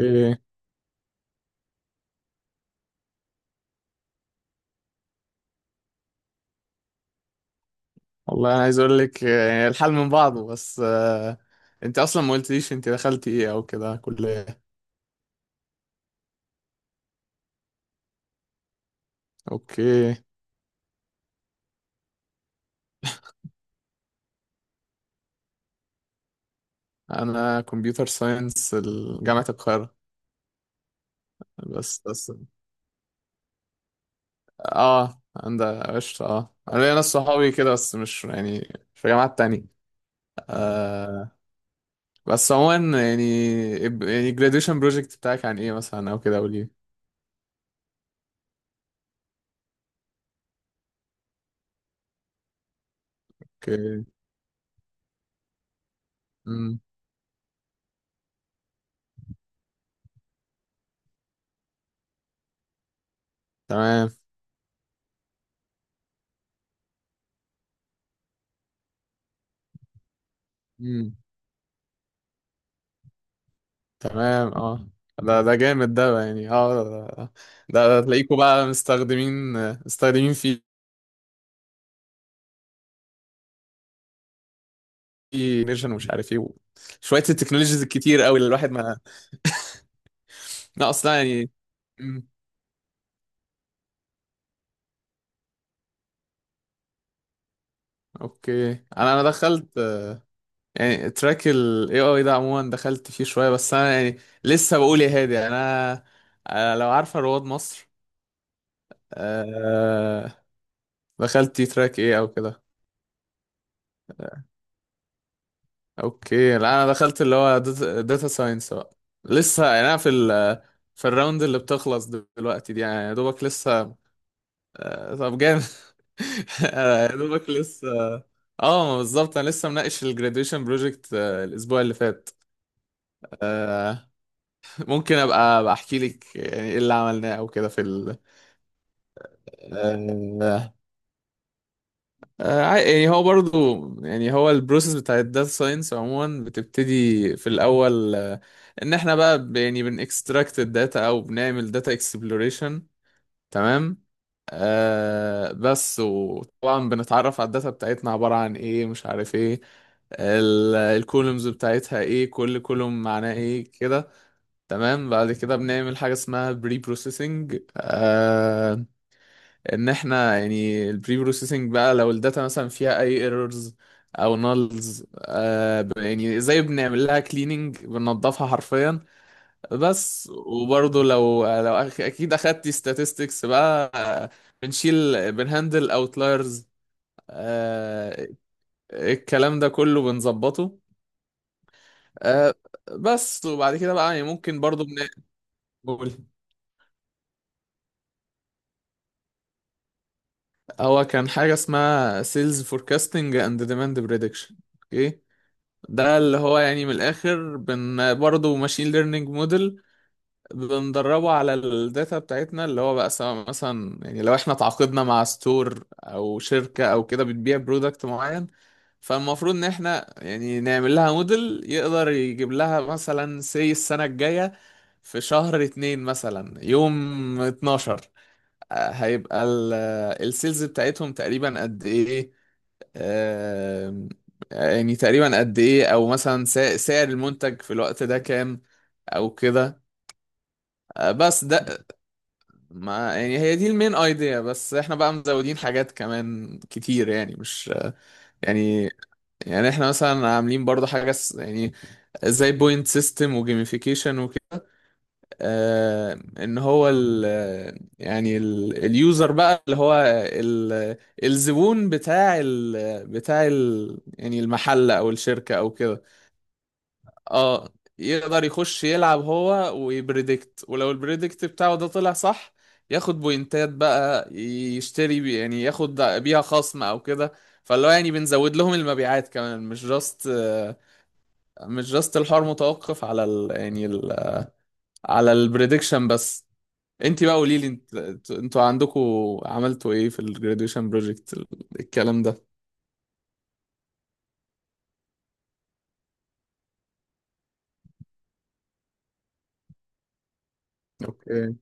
ايه. والله انا عايز اقول لك الحال من بعضه، بس انت اصلا ما قلتليش انت دخلتي ايه او كده كلية. اوكي. انا كمبيوتر ساينس، جامعة القاهرة. بس اه، عند قشطة. اه انا ليا ناس صحابي كده، بس مش يعني، في جامعات تانية. آه. بس عموما، يعني، يعني graduation project بتاعك عن ايه مثلا او كده قولي. اوكي. امم. تمام. تمام. اه ده جامد ده، يعني اه. ده تلاقيكوا بقى مستخدمين فيه نيرجن ومش عارف ايه، شوية التكنولوجيز الكتير قوي اللي الواحد ما... لا، اصلا يعني. مم، اوكي. انا دخلت يعني تراك ال AI ده عموما، دخلت فيه شوية بس انا يعني لسه بقول يا هادي. يعني انا، أنا، لو عارفة رواد مصر، آه، دخلت تراك ايه او كده؟ اوكي. لا انا دخلت اللي هو داتا ساينس بقى. لسه يعني انا في في الراوند اللي بتخلص دلوقتي دي، يعني يا دوبك لسه. طب جامد. يا دوبك لسه. اه، ما بالظبط، انا لسه مناقش الجراديويشن بروجكت الاسبوع اللي فات. آه، ممكن ابقى بحكي لك يعني ايه اللي عملناه او كده في ال... آه، يعني هو برضو، يعني هو البروسيس بتاع الداتا ساينس عموما بتبتدي في الاول. ان احنا بقى يعني بنكستراكت الداتا، او بنعمل داتا اكسبلوريشن. تمام. آه، بس وطبعا بنتعرف على الداتا بتاعتنا عبارة عن ايه، مش عارف ايه، الكولومز بتاعتها ايه، كل كولوم معناه ايه كده. تمام. بعد كده بنعمل حاجة اسمها بري بروسيسنج. ان احنا يعني البري بروسيسنج بقى، لو الداتا مثلا فيها اي ايرورز او نالز، يعني زي بنعمل لها كليننج، بننضفها حرفيا. بس. وبرضه لو اكيد اخدتي statistics بقى. بنشيل، بنهندل اوتلايرز. آه. الكلام ده كله بنظبطه. آه. بس وبعد كده بقى يعني ممكن برضه بنقول هو كان حاجة اسمها sales forecasting and demand prediction. اوكي. ده اللي هو يعني من الاخر، برضه ماشين ليرنينج موديل بندربه على الداتا بتاعتنا، اللي هو بقى سواء مثلا يعني لو احنا تعاقدنا مع ستور او شركة او كده بتبيع برودكت معين، فالمفروض ان احنا يعني نعمل لها موديل يقدر يجيب لها مثلا سي السنة الجاية في شهر اتنين مثلا يوم 12 هيبقى السيلز بتاعتهم تقريبا قد ايه. آم، يعني تقريبا قد ايه، او مثلا سعر المنتج في الوقت ده كام او كده. بس ده، ما يعني هي دي المين ايديا، بس احنا بقى مزودين حاجات كمان كتير يعني، مش يعني، يعني احنا مثلا عاملين برضو حاجة يعني زي بوينت سيستم وجيميفيكيشن وكده. آه، ان هو يعني اليوزر بقى اللي هو ال- الزبون بتاع ال يعني المحل او الشركة او كده. اه، يقدر يخش يلعب هو ويبريدكت، ولو البريدكت بتاعه ده طلع صح ياخد بوينتات بقى، يشتري بي يعني، ياخد بيها خصم او كده. فاللي هو يعني بنزود لهم المبيعات كمان، مش جاست، مش جاست الحوار متوقف على يعني ال، على البريدكشن بس. انت بقى قولي لي، انت، انتوا عندكم عملتوا ايه في الجراديويشن بروجكت الكلام ده؟ اوكي.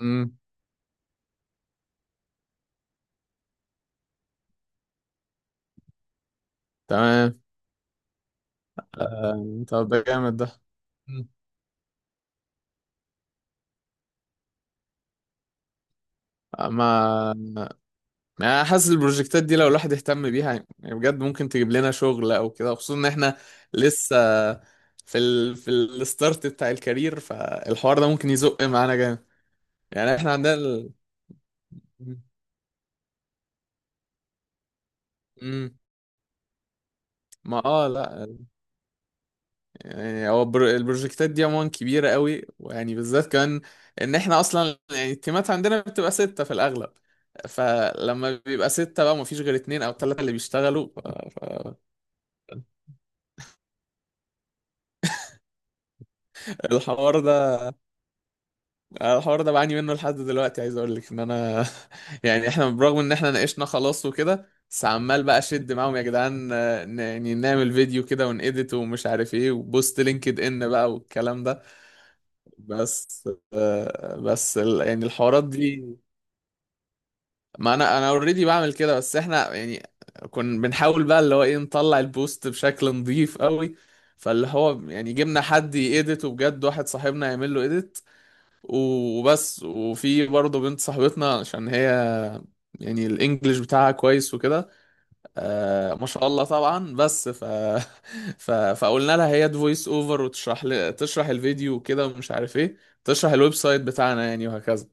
امم. تمام. طب ده جامد ده. مم. ما يعني انا حاسس البروجكتات دي لو الواحد اهتم بيها يعني، بجد ممكن تجيب لنا شغل او كده، خصوصا ان احنا لسه في في الستارت بتاع الكارير، فالحوار ده ممكن يزق معانا جامد يعني. احنا عندنا ال... مم. ما اه، لا، يعني هو البروجكتات دي عموما كبيرة قوي، ويعني بالذات كمان ان احنا اصلا يعني التيمات عندنا بتبقى ستة في الاغلب، فلما بيبقى ستة بقى مفيش غير اتنين او تلاتة اللي بيشتغلوا ف- الحوار ده. الحوار ده بعاني منه لحد دلوقتي، عايز اقول لك ان انا يعني احنا برغم ان احنا ناقشنا خلاص وكده، بس عمال بقى اشد معاهم يا جدعان، يعني نعمل فيديو كده ونedit ومش عارف ايه، وبوست لينكد ان بقى والكلام ده. بس بس يعني الحوارات دي. ما انا اوريدي بعمل كده، بس احنا يعني كنا بنحاول بقى اللي هو ايه، نطلع البوست بشكل نظيف قوي. فاللي هو يعني جبنا حد يedit، وبجد واحد صاحبنا يعمل له edit وبس. وفي برضه بنت صاحبتنا عشان هي يعني الانجليش بتاعها كويس وكده، آه ما شاء الله طبعا. بس فقلنا لها هي فويس اوفر وتشرح تشرح الفيديو وكده ومش عارف ايه، تشرح الويب سايت بتاعنا يعني، وهكذا.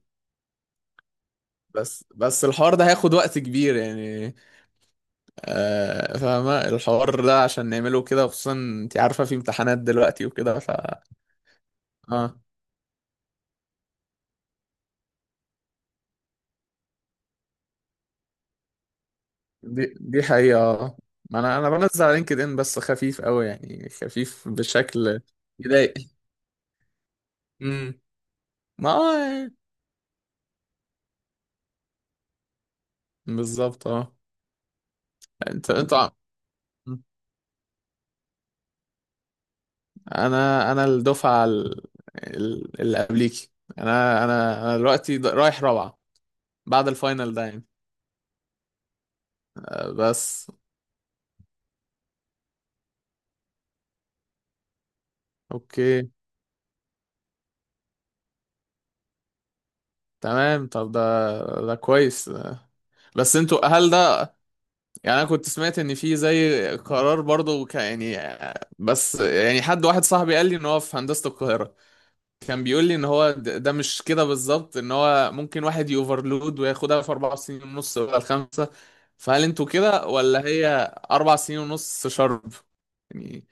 بس الحوار ده هياخد وقت كبير يعني، آه فاهمة. الحوار ده عشان نعمله كده، خصوصا انت عارفة في امتحانات دلوقتي وكده ف... آه. دي دي حقيقة آه. ما انا بنزل على لينكد ان بس خفيف قوي يعني، خفيف بشكل يضايق. امم. ما بالظبط اه. انت انا، الدفعة اللي قبليكي. انا دلوقتي رايح رابعة بعد الفاينل ده يعني. بس. اوكي. تمام. طب ده كويس. بس انتوا، هل ده، يعني انا كنت سمعت ان في زي قرار برضه يعني، بس يعني حد، واحد صاحبي قال لي ان هو في هندسة القاهرة، كان بيقول لي ان هو ده مش كده بالظبط، ان هو ممكن واحد يوفرلود وياخدها في اربع سنين ونص، ولا الخمسة؟ فهل انتوا كده، ولا هي اربع سنين ونص شرب يعني؟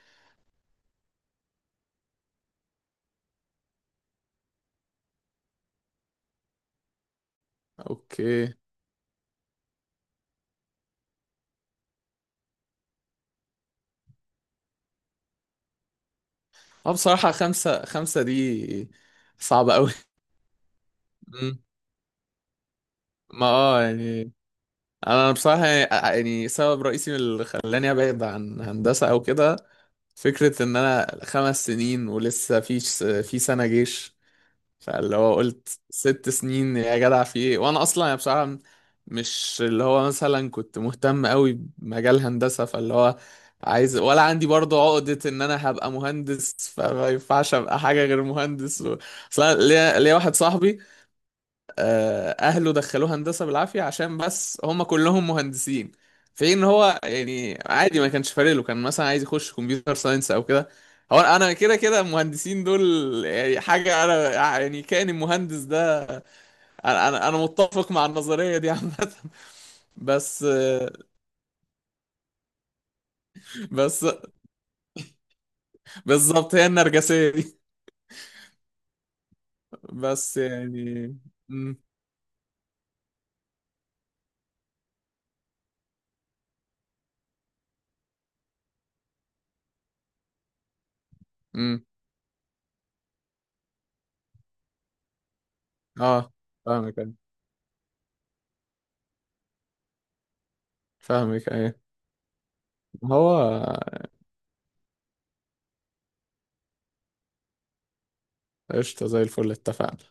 اوكي. اه، بصراحة خمسة، خمسة دي صعبة قوي. مم. ما اه يعني، انا بصراحة يعني، يعني سبب رئيسي من اللي خلاني ابعد عن هندسة او كده فكرة ان انا خمس سنين ولسه في في سنة جيش، فاللي هو قلت ست سنين يا جدع في ايه؟ وانا اصلا يعني بصراحة مش اللي هو مثلا كنت مهتم قوي بمجال هندسة، فاللي هو عايز، ولا عندي برضه عقدة ان انا هبقى مهندس فما ينفعش ابقى حاجة غير مهندس و... اصلا ليا واحد صاحبي، اهله دخلوه هندسه بالعافيه عشان بس هم كلهم مهندسين، في ان هو يعني عادي، ما كانش فارق له، كان مثلا عايز يخش كمبيوتر ساينس او كده. هو انا كده كده المهندسين دول، يعني حاجه انا، يعني كان المهندس ده، انا متفق مع النظريه دي عامه. بس بس بالظبط، هي النرجسيه دي. بس يعني، امم امم اه فاهمك فاهمك ايه. هو قشطه زي الفل، اتفقنا.